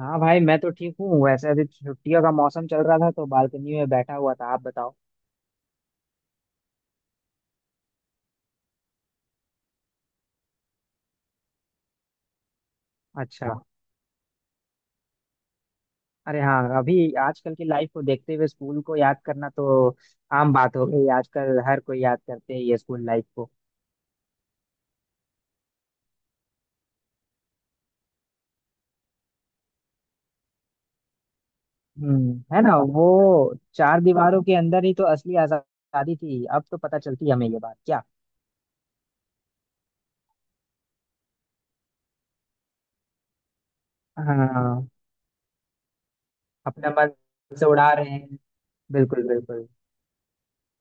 हाँ भाई, मैं तो ठीक हूँ। वैसे अभी छुट्टियों का मौसम चल रहा था तो बालकनी में बैठा हुआ था। आप बताओ। अच्छा। अरे हाँ, अभी आजकल की लाइफ को देखते हुए स्कूल को याद करना तो आम बात हो गई। आजकल हर कोई याद करते हैं ये स्कूल लाइफ को। हम्म। है ना। वो चार दीवारों के अंदर ही तो असली आजादी थी। अब तो पता चलती है हमें ये बात, क्या। हाँ। अपना मन से उड़ा रहे हैं। बिल्कुल बिल्कुल।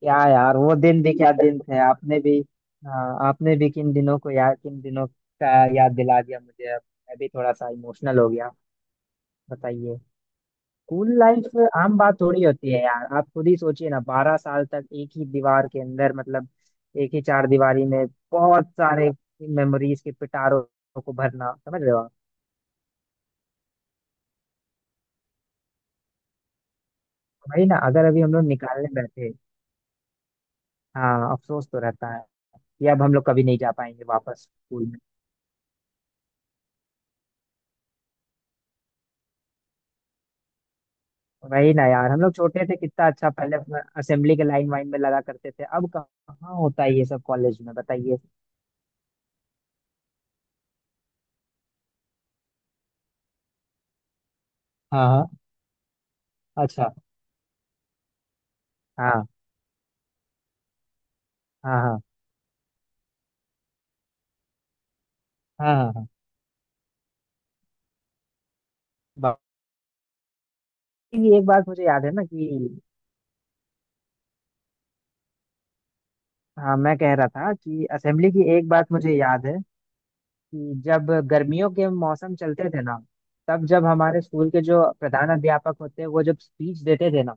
क्या यार, वो दिन भी क्या दिन थे। आपने भी हाँ, आपने भी किन दिनों का याद दिला दिया मुझे अब। मैं भी थोड़ा सा इमोशनल हो गया। बताइए। स्कूल लाइफ आम बात थोड़ी होती है यार। आप खुद ही सोचिए ना, 12 साल तक एक ही दीवार के अंदर, मतलब एक ही चार दीवारी में बहुत सारे मेमोरीज के पिटारों को भरना। समझ रहे हो आप। वही ना। अगर अभी हम लोग निकालने बैठे, हाँ, अफसोस तो रहता है कि अब हम लोग कभी नहीं जा पाएंगे वापस स्कूल। वही ना यार, हम लोग छोटे थे कितना अच्छा। पहले अपना असेंबली के लाइन वाइन में लगा करते थे, अब कहाँ होता है ये सब कॉलेज में। बताइए। हाँ हाँ। अच्छा। हाँ हाँ हाँ। हाँ हाँ। हाँ बा- ये एक बात मुझे याद है ना कि, हाँ, मैं कह रहा था कि असेंबली की एक बात मुझे याद है कि जब गर्मियों के मौसम चलते थे ना, तब जब हमारे स्कूल के जो प्रधान अध्यापक होते हैं वो जब स्पीच देते थे ना,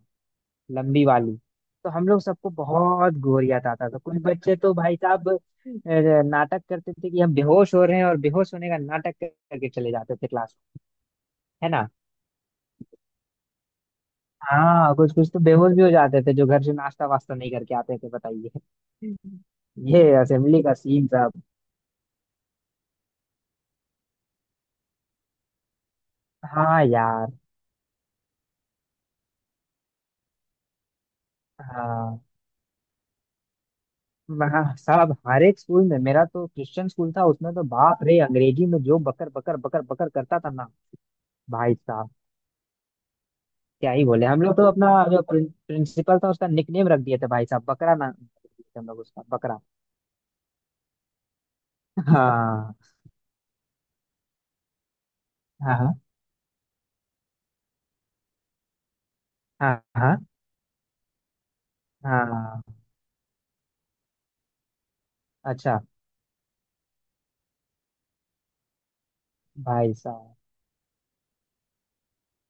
लंबी वाली, तो हम लोग सबको बहुत गोरियात आता था। कुछ बच्चे तो भाई साहब नाटक करते थे कि हम बेहोश हो रहे हैं और बेहोश होने का नाटक करके चले जाते थे क्लास। है ना। हाँ, कुछ कुछ तो बेहोश भी हो जाते थे, जो घर से नाश्ता वास्ता नहीं करके आते थे। बताइए। ये असेंबली का सीन साहब। हाँ यार। हाँ हाँ, साहब हर एक स्कूल में। मेरा तो क्रिश्चियन स्कूल था, उसमें तो बाप रे, अंग्रेजी में जो बकर बकर बकर बकर करता था ना भाई साहब, क्या ही बोले। हम लोग तो अपना जो प्रिंसिपल था उसका निकनेम रख दिए थे भाई साहब, बकरा ना। हम लोग उसका बकरा। हाँ हाँ हाँ हाँ हाँ। अच्छा। भाई साहब।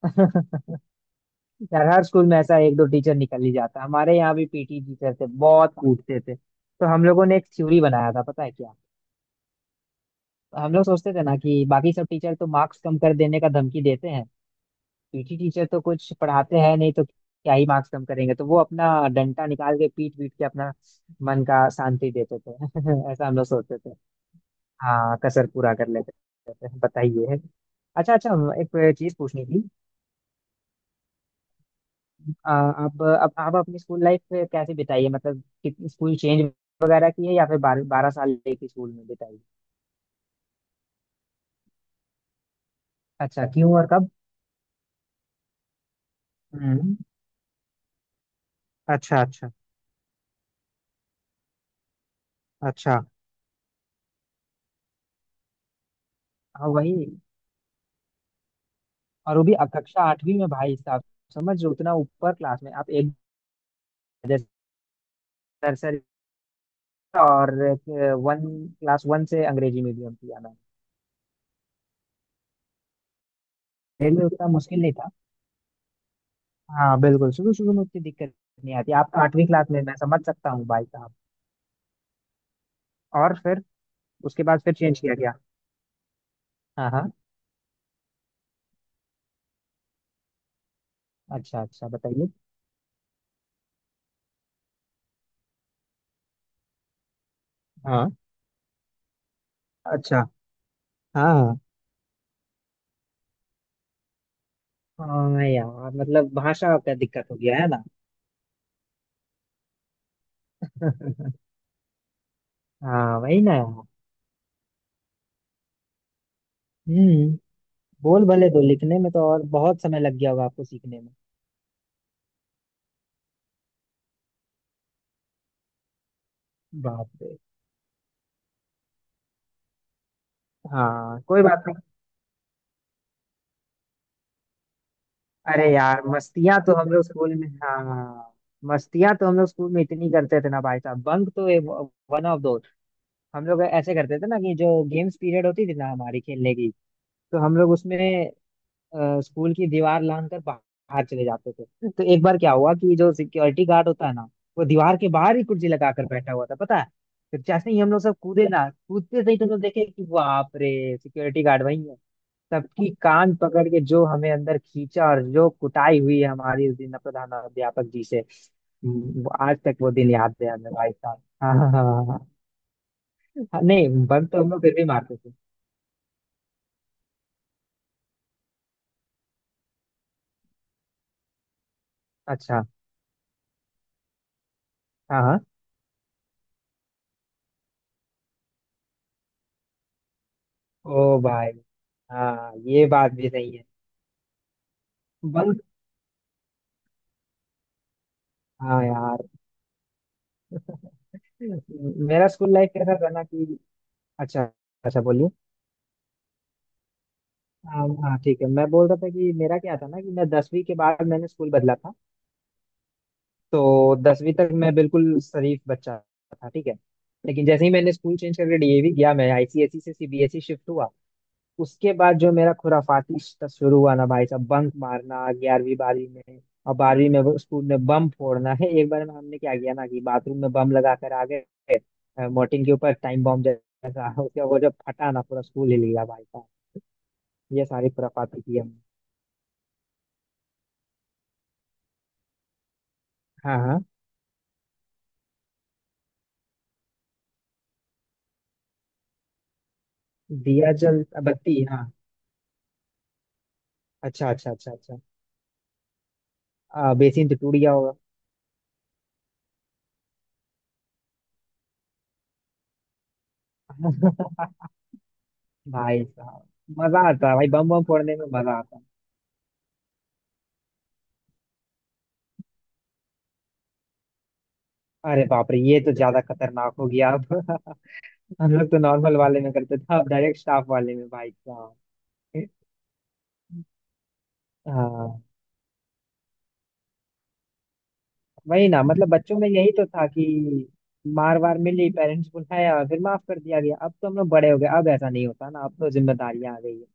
यार हर स्कूल में ऐसा एक दो टीचर निकल ही जाता। हमारे यहाँ भी पीटी टीचर थे, बहुत कूटते थे तो हम लोगों ने एक थ्योरी बनाया था, पता है क्या। हम लोग सोचते थे ना कि बाकी सब टीचर तो मार्क्स कम कर देने का धमकी देते हैं, पीटी टीचर तो कुछ पढ़ाते हैं नहीं, तो क्या ही मार्क्स कम करेंगे, तो वो अपना डंडा निकाल के पीट पीट के अपना मन का शांति देते थे। ऐसा हम लोग सोचते थे। हाँ कसर पूरा कर लेते थे। बताइए। अच्छा अच्छा। एक चीज पूछनी थी। आप अपनी स्कूल लाइफ कैसे बिताई है, मतलब कितनी स्कूल चेंज वगैरह की है, या फिर 12-12 साल एक ही स्कूल में बिताई। अच्छा, क्यों और कब। हम्म। अच्छा अच्छा अच्छा। हाँ, वही। और वो भी अब कक्षा 8वीं में भाई साहब। समझ उतना ऊपर क्लास में आप, एक जैसे नर्सरी और वन, क्लास वन से अंग्रेजी मीडियम किया मैंने। मेरे लिए उतना मुश्किल नहीं था। हाँ बिल्कुल, शुरू शुरू में उतनी दिक्कत नहीं आती, आप 8वीं क्लास में, मैं समझ सकता हूँ भाई साहब। और फिर उसके बाद फिर चेंज किया गया। हाँ हाँ। अच्छा अच्छा, बताइए। हाँ। अच्छा। हाँ हाँ। हाँ यार, मतलब भाषा का दिक्कत हो गया है ना। हाँ वही ना यार। हम्म। बोल भले दो, लिखने में तो और बहुत समय लग गया होगा आपको सीखने में। बाप रे। हाँ कोई बात। अरे यार, मस्तियां तो हम लोग स्कूल में इतनी करते थे ना भाई साहब, बंक तो वन ऑफ दो। हम लोग ऐसे करते थे ना कि जो गेम्स पीरियड होती थी ना हमारी खेलने की, तो हम लोग उसमें स्कूल की दीवार लांग कर बाहर चले जाते थे। तो एक बार क्या हुआ कि जो सिक्योरिटी गार्ड होता है ना, वो दीवार के बाहर ही कुर्सी लगा कर बैठा हुआ था, पता है। तो जैसे ही हम लोग सब कूदे ना, कूदते सही तो हम लोग देखे कि बाप रे, सिक्योरिटी गार्ड वही है। सबकी कान पकड़ के जो हमें अंदर खींचा और जो कुटाई हुई है हमारी उस दिन प्रधानाध्यापक जी से। वो आज तक वो दिन याद है हमें भाई साहब। हाँ हाँ हाँ हाँ, हाँ। हाँ, नहीं, बंक तो हम लोग फिर भी मारते थे। अच्छा। हाँ हाँ। ओ भाई। हाँ, ये बात भी सही है। बंक। हाँ यार। मेरा स्कूल लाइफ कैसा था ना कि, अच्छा अच्छा बोलिए। हाँ हाँ, ठीक है, मैं बोल रहा था कि मेरा क्या था ना कि मैं 10वीं के बाद मैंने स्कूल बदला था। तो 10वीं तक मैं बिल्कुल शरीफ बच्चा था, ठीक है। लेकिन जैसे ही मैंने स्कूल चेंज करके डीएवी गया, मैं आईसीएसई से सीबीएसई शिफ्ट हुआ, उसके बाद जो मेरा खुराफाती रिश्ता शुरू हुआ ना भाई साहब, बंक मारना 11वीं 12वीं में, और 12वीं में वो स्कूल में बम फोड़ना। है, एक बार में हमने क्या किया ना कि बाथरूम में बम लगा कर आ गए। मोर्टिन के ऊपर टाइम बम जैसा। उसका वो जब फटा ना, पूरा स्कूल हिल गया भाई साहब। ये सारी खुराफाती की हमने। हाँ हाँ। दिया जल बत्ती, हाँ। अच्छा अच्छा अच्छा अच्छा। बेसिन तो टूट गया होगा। भाई साहब। मजा आता है भाई, बम बम फोड़ने में मजा आता है। अरे बाप रे, ये तो ज्यादा खतरनाक हो गया अब। हम लोग तो नॉर्मल वाले में करते थे, अब डायरेक्ट स्टाफ वाले में भाई साहब। हाँ वही ना, मतलब बच्चों में यही तो था कि मार वार मिली, पेरेंट्स बुलाया, फिर माफ कर दिया गया। अब तो हम लोग बड़े हो गए, अब ऐसा नहीं होता ना, अब तो जिम्मेदारियां आ गई है।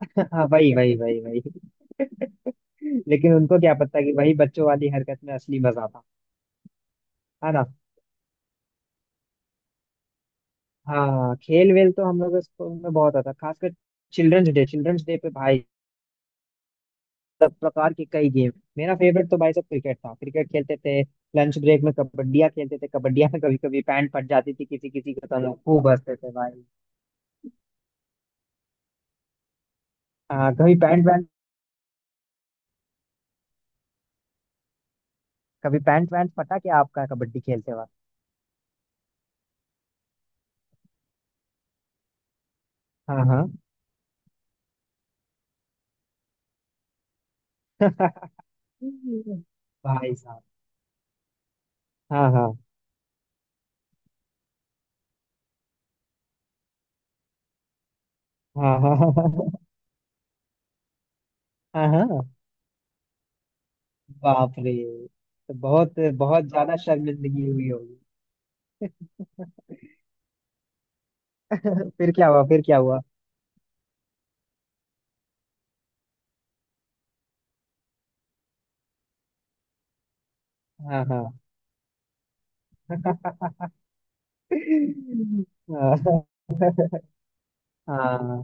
हाँ वही वही वही वही। लेकिन उनको क्या पता कि वही बच्चों वाली हरकत में असली मजा था। है ना। हाँ, खेल वेल तो हम लोग स्कूल में बहुत आता, खासकर चिल्ड्रंस डे। चिल्ड्रंस डे पे भाई सब प्रकार के कई गेम। मेरा फेवरेट तो भाई सब क्रिकेट था, क्रिकेट खेलते थे। लंच ब्रेक में कबड्डिया खेलते थे, कबड्डिया में कभी कभी पैंट फट जाती थी किसी किसी का, तो हम लोग खूब हंसते थे भाई। हाँ कभी पैंट वैंट। कभी पैंट वैंट फटा क्या आपका कबड्डी खेलते वक्त। हाँ हाँ। भाई साहब। हाँ हाँ हाँ हाँ हाँ हाँ हाँ। हाँ, हाँ। बाप रे। तो बहुत बहुत ज्यादा शर्मिंदगी हुई होगी। फिर क्या हुआ, फिर क्या हुआ। हाँ हाँ। हाँ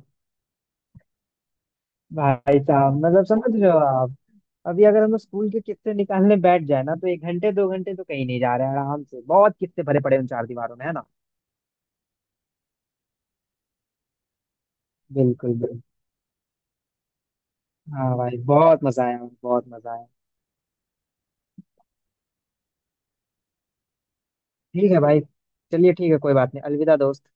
भाई साहब, मतलब समझ रहे हो आप। अभी अगर हम लोग स्कूल के किस्से निकालने बैठ जाए ना, तो 1 घंटे 2 घंटे तो कहीं नहीं जा रहे हैं, आराम से बहुत किस्से भरे पड़े हैं उन चार दीवारों में। है ना। बिल्कुल बिल्कुल। हाँ भाई, बहुत मजा आया। बहुत मजा आया। ठीक है भाई। चलिए ठीक है कोई बात नहीं। अलविदा दोस्त।